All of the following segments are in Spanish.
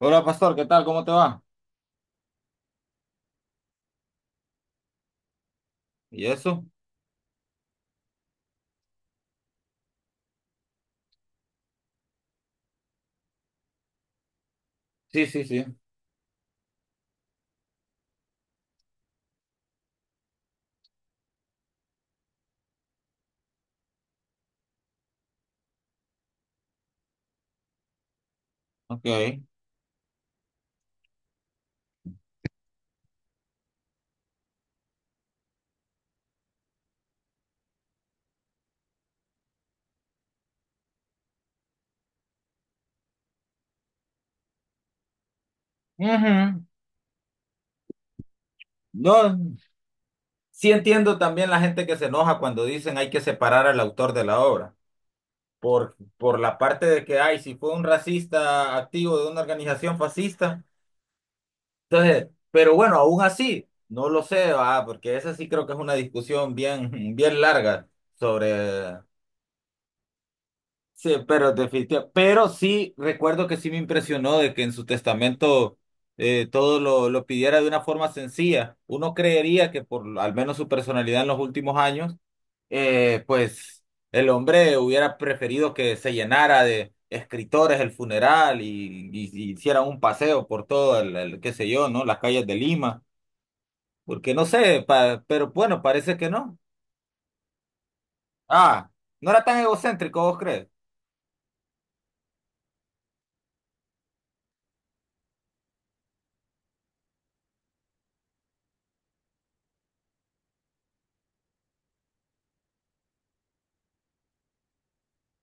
Hola, pastor, ¿qué tal? ¿Cómo te va? ¿Y eso? Sí, sí, sí. Ok. Ujú. No, sí entiendo también la gente que se enoja cuando dicen hay que separar al autor de la obra. Por la parte de que, ay, si fue un racista activo de una organización fascista. Entonces, pero bueno, aún así, no lo sé, porque esa sí creo que es una discusión bien, bien larga sobre. Sí, pero definitivamente. Pero sí, recuerdo que sí me impresionó de que en su testamento todo lo pidiera de una forma sencilla. Uno creería que por al menos su personalidad en los últimos años, pues el hombre hubiera preferido que se llenara de escritores el funeral y hiciera un paseo por todo el, qué sé yo, ¿no? Las calles de Lima. Porque no sé, pero bueno, parece que no. Ah, ¿no era tan egocéntrico, vos crees?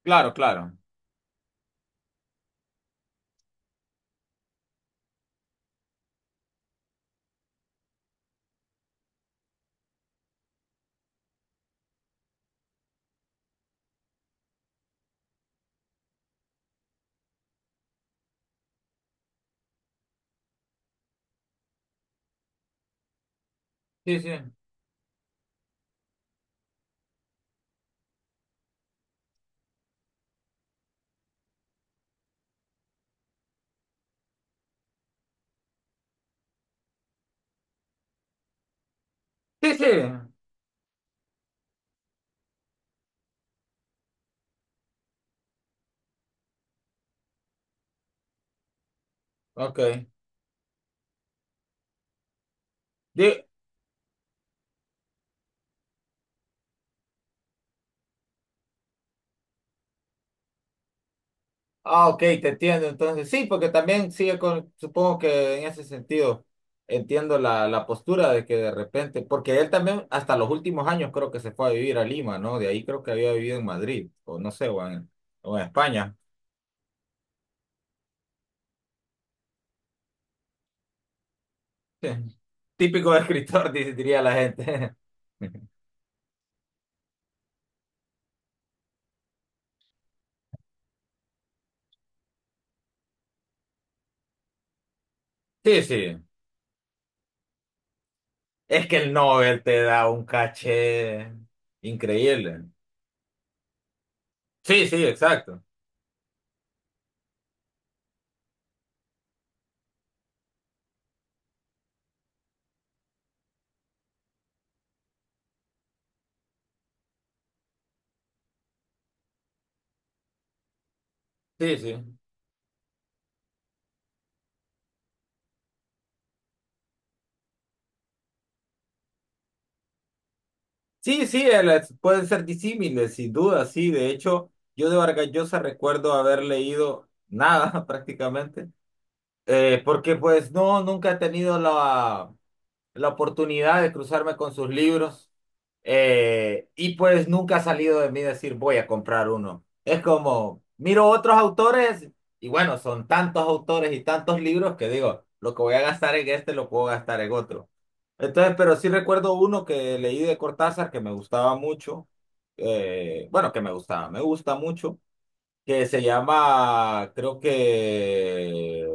Claro, claro. Sí, sí. Sí, sí. Ok. Di- ok, te entiendo. Entonces, sí, porque también sigue con, supongo que en ese sentido entiendo la postura de que de repente, porque él también hasta los últimos años creo que se fue a vivir a Lima, ¿no? De ahí creo que había vivido en Madrid, o no sé, o en España. Sí. Típico escritor, diría la gente. Sí, sí. Es que el Nobel te da un caché increíble. Sí, sí, exacto. Sí, sí. Sí, sí, pueden ser disímiles, sin duda, sí. De hecho, yo de Vargas Llosa recuerdo haber leído nada prácticamente, porque pues no, nunca he tenido la oportunidad de cruzarme con sus libros. Y pues nunca ha salido de mí decir voy a comprar uno. Es como, miro otros autores y bueno, son tantos autores y tantos libros que digo, lo que voy a gastar en este lo puedo gastar en otro. Entonces, pero sí recuerdo uno que leí de Cortázar que me gustaba mucho. Bueno, que me gustaba, me gusta mucho, que se llama, creo que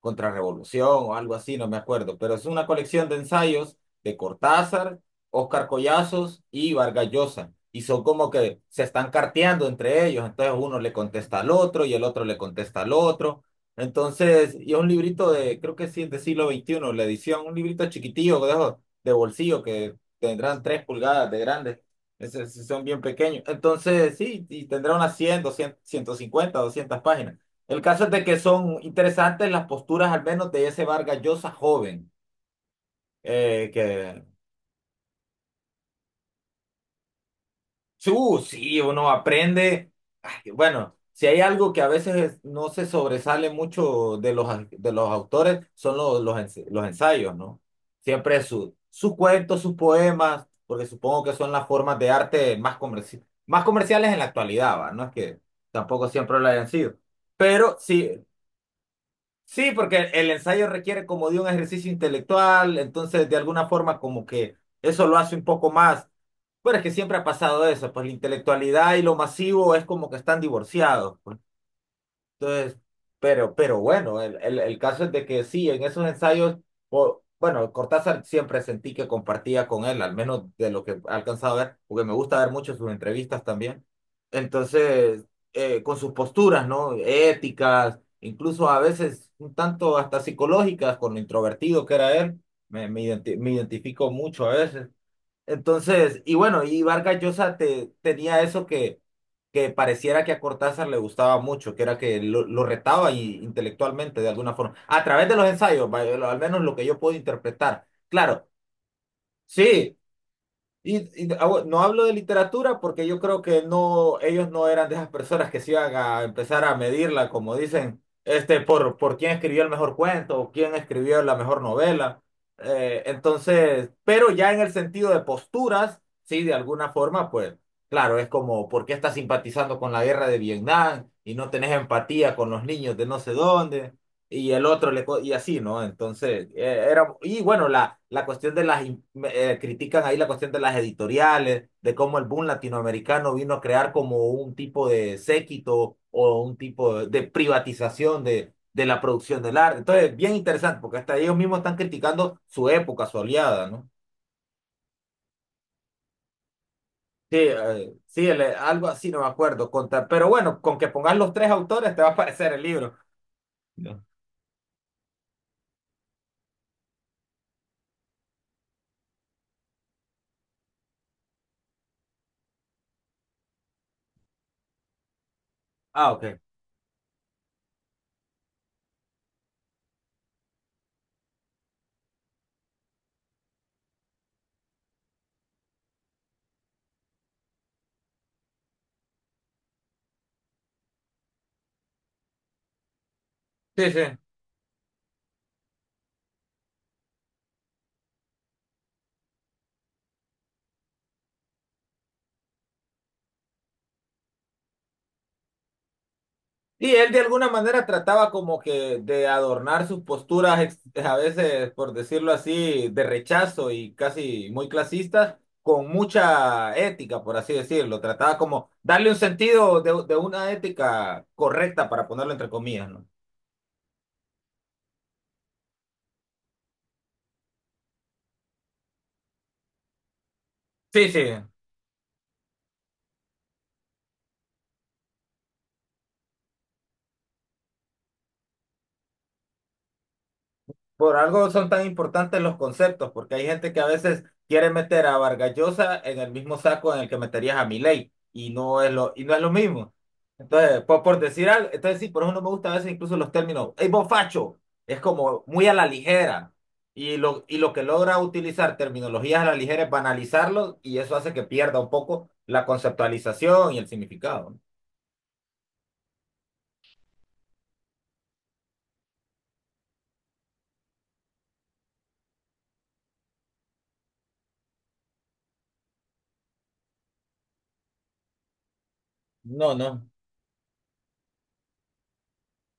Contrarrevolución o algo así, no me acuerdo, pero es una colección de ensayos de Cortázar, Óscar Collazos y Vargas Llosa. Y son como que se están carteando entre ellos, entonces uno le contesta al otro y el otro le contesta al otro. Entonces, y es un librito de, creo que sí, es de siglo XXI la edición, un librito chiquitillo de, esos de bolsillo que tendrán 3 pulgadas de grande. Son bien pequeños. Entonces, sí, y tendrá unas 100, 150 200 páginas. El caso es de que son interesantes las posturas, al menos de ese Vargas Llosa joven. Que Sí, uno aprende. Ay, bueno, si hay algo que a veces no se sobresale mucho de los, de los autores, son los, los ensayos, ¿no? Siempre sus cuentos, sus poemas, porque supongo que son las formas de arte más, más comerciales en la actualidad, ¿va? No es que tampoco siempre lo hayan sido. Pero sí. Sí, porque el ensayo requiere como de un ejercicio intelectual, entonces de alguna forma como que eso lo hace un poco más. Pero es que siempre ha pasado eso, pues la intelectualidad y lo masivo es como que están divorciados. Entonces, pero bueno, el caso es de que sí, en esos ensayos, bueno, Cortázar siempre sentí que compartía con él, al menos de lo que he alcanzado a ver, porque me gusta ver mucho sus entrevistas también. Entonces, con sus posturas, ¿no? Éticas, incluso a veces un tanto hasta psicológicas, con lo introvertido que era él, me identifico mucho a veces. Entonces, y bueno, y Vargas Llosa tenía eso, que pareciera que a Cortázar le gustaba mucho, que era que lo retaba y, intelectualmente de alguna forma, a través de los ensayos, vaya, al menos lo que yo puedo interpretar. Claro, sí, bueno, no hablo de literatura porque yo creo que no, ellos no eran de esas personas que se iban a empezar a medirla, como dicen, por quién escribió el mejor cuento o quién escribió la mejor novela. Entonces, pero ya en el sentido de posturas, sí, de alguna forma, pues, claro, es como, ¿por qué estás simpatizando con la guerra de Vietnam y no tenés empatía con los niños de no sé dónde? Y el otro y así, ¿no? Entonces, era, y bueno, la cuestión de las critican ahí la cuestión de las editoriales, de cómo el boom latinoamericano vino a crear como un tipo de séquito o un tipo de, privatización de la producción del arte. Entonces, bien interesante, porque hasta ellos mismos están criticando su época, su aliada, ¿no? Sí, sí, algo así, no me acuerdo. Contra, pero bueno, con que pongas los tres autores te va a aparecer el libro. No. Ah, ok. Sí, sí. Y él de alguna manera trataba como que de adornar sus posturas, a veces, por decirlo así, de rechazo y casi muy clasistas, con mucha ética, por así decirlo. Trataba como darle un sentido de una ética correcta, para ponerlo entre comillas, ¿no? Sí, sí. Por algo son tan importantes los conceptos, porque hay gente que a veces quiere meter a Vargas Llosa en el mismo saco en el que meterías a Milei, y no es lo, y no es lo mismo. Entonces, por decir algo, entonces sí, por eso no me gusta a veces incluso los términos, ¡ey, vos facho! Es como muy a la ligera. Y lo que logra utilizar terminologías a la ligera es banalizarlos, y eso hace que pierda un poco la conceptualización y el significado. No, no.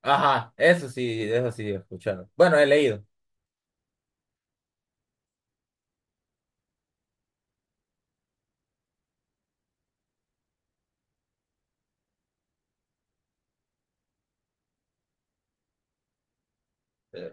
Ajá, eso sí, he escuchado. Bueno, he leído. Eh,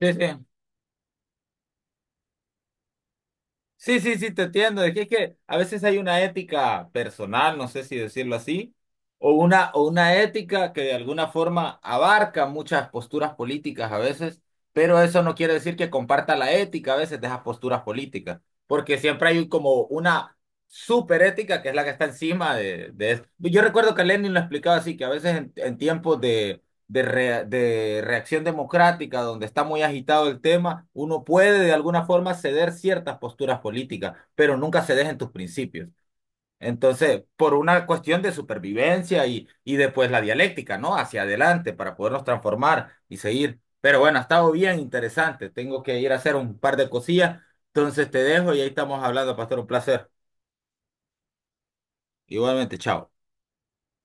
Sí, sí. Sí, sí, sí, te entiendo. Es que a veces hay una ética personal, no sé si decirlo así, o una, ética que de alguna forma abarca muchas posturas políticas a veces, pero eso no quiere decir que comparta la ética a veces de esas posturas políticas, porque siempre hay como una superética que es la que está encima de eso. Yo recuerdo que Lenin lo explicaba así, que a veces en tiempos de, de reacción democrática, donde está muy agitado el tema, uno puede de alguna forma ceder ciertas posturas políticas, pero nunca se dejen tus principios. Entonces, por una cuestión de supervivencia y después la dialéctica, ¿no? Hacia adelante para podernos transformar y seguir. Pero bueno, ha estado bien interesante. Tengo que ir a hacer un par de cosillas. Entonces te dejo y ahí estamos hablando, pastor. Un placer. Igualmente, chao.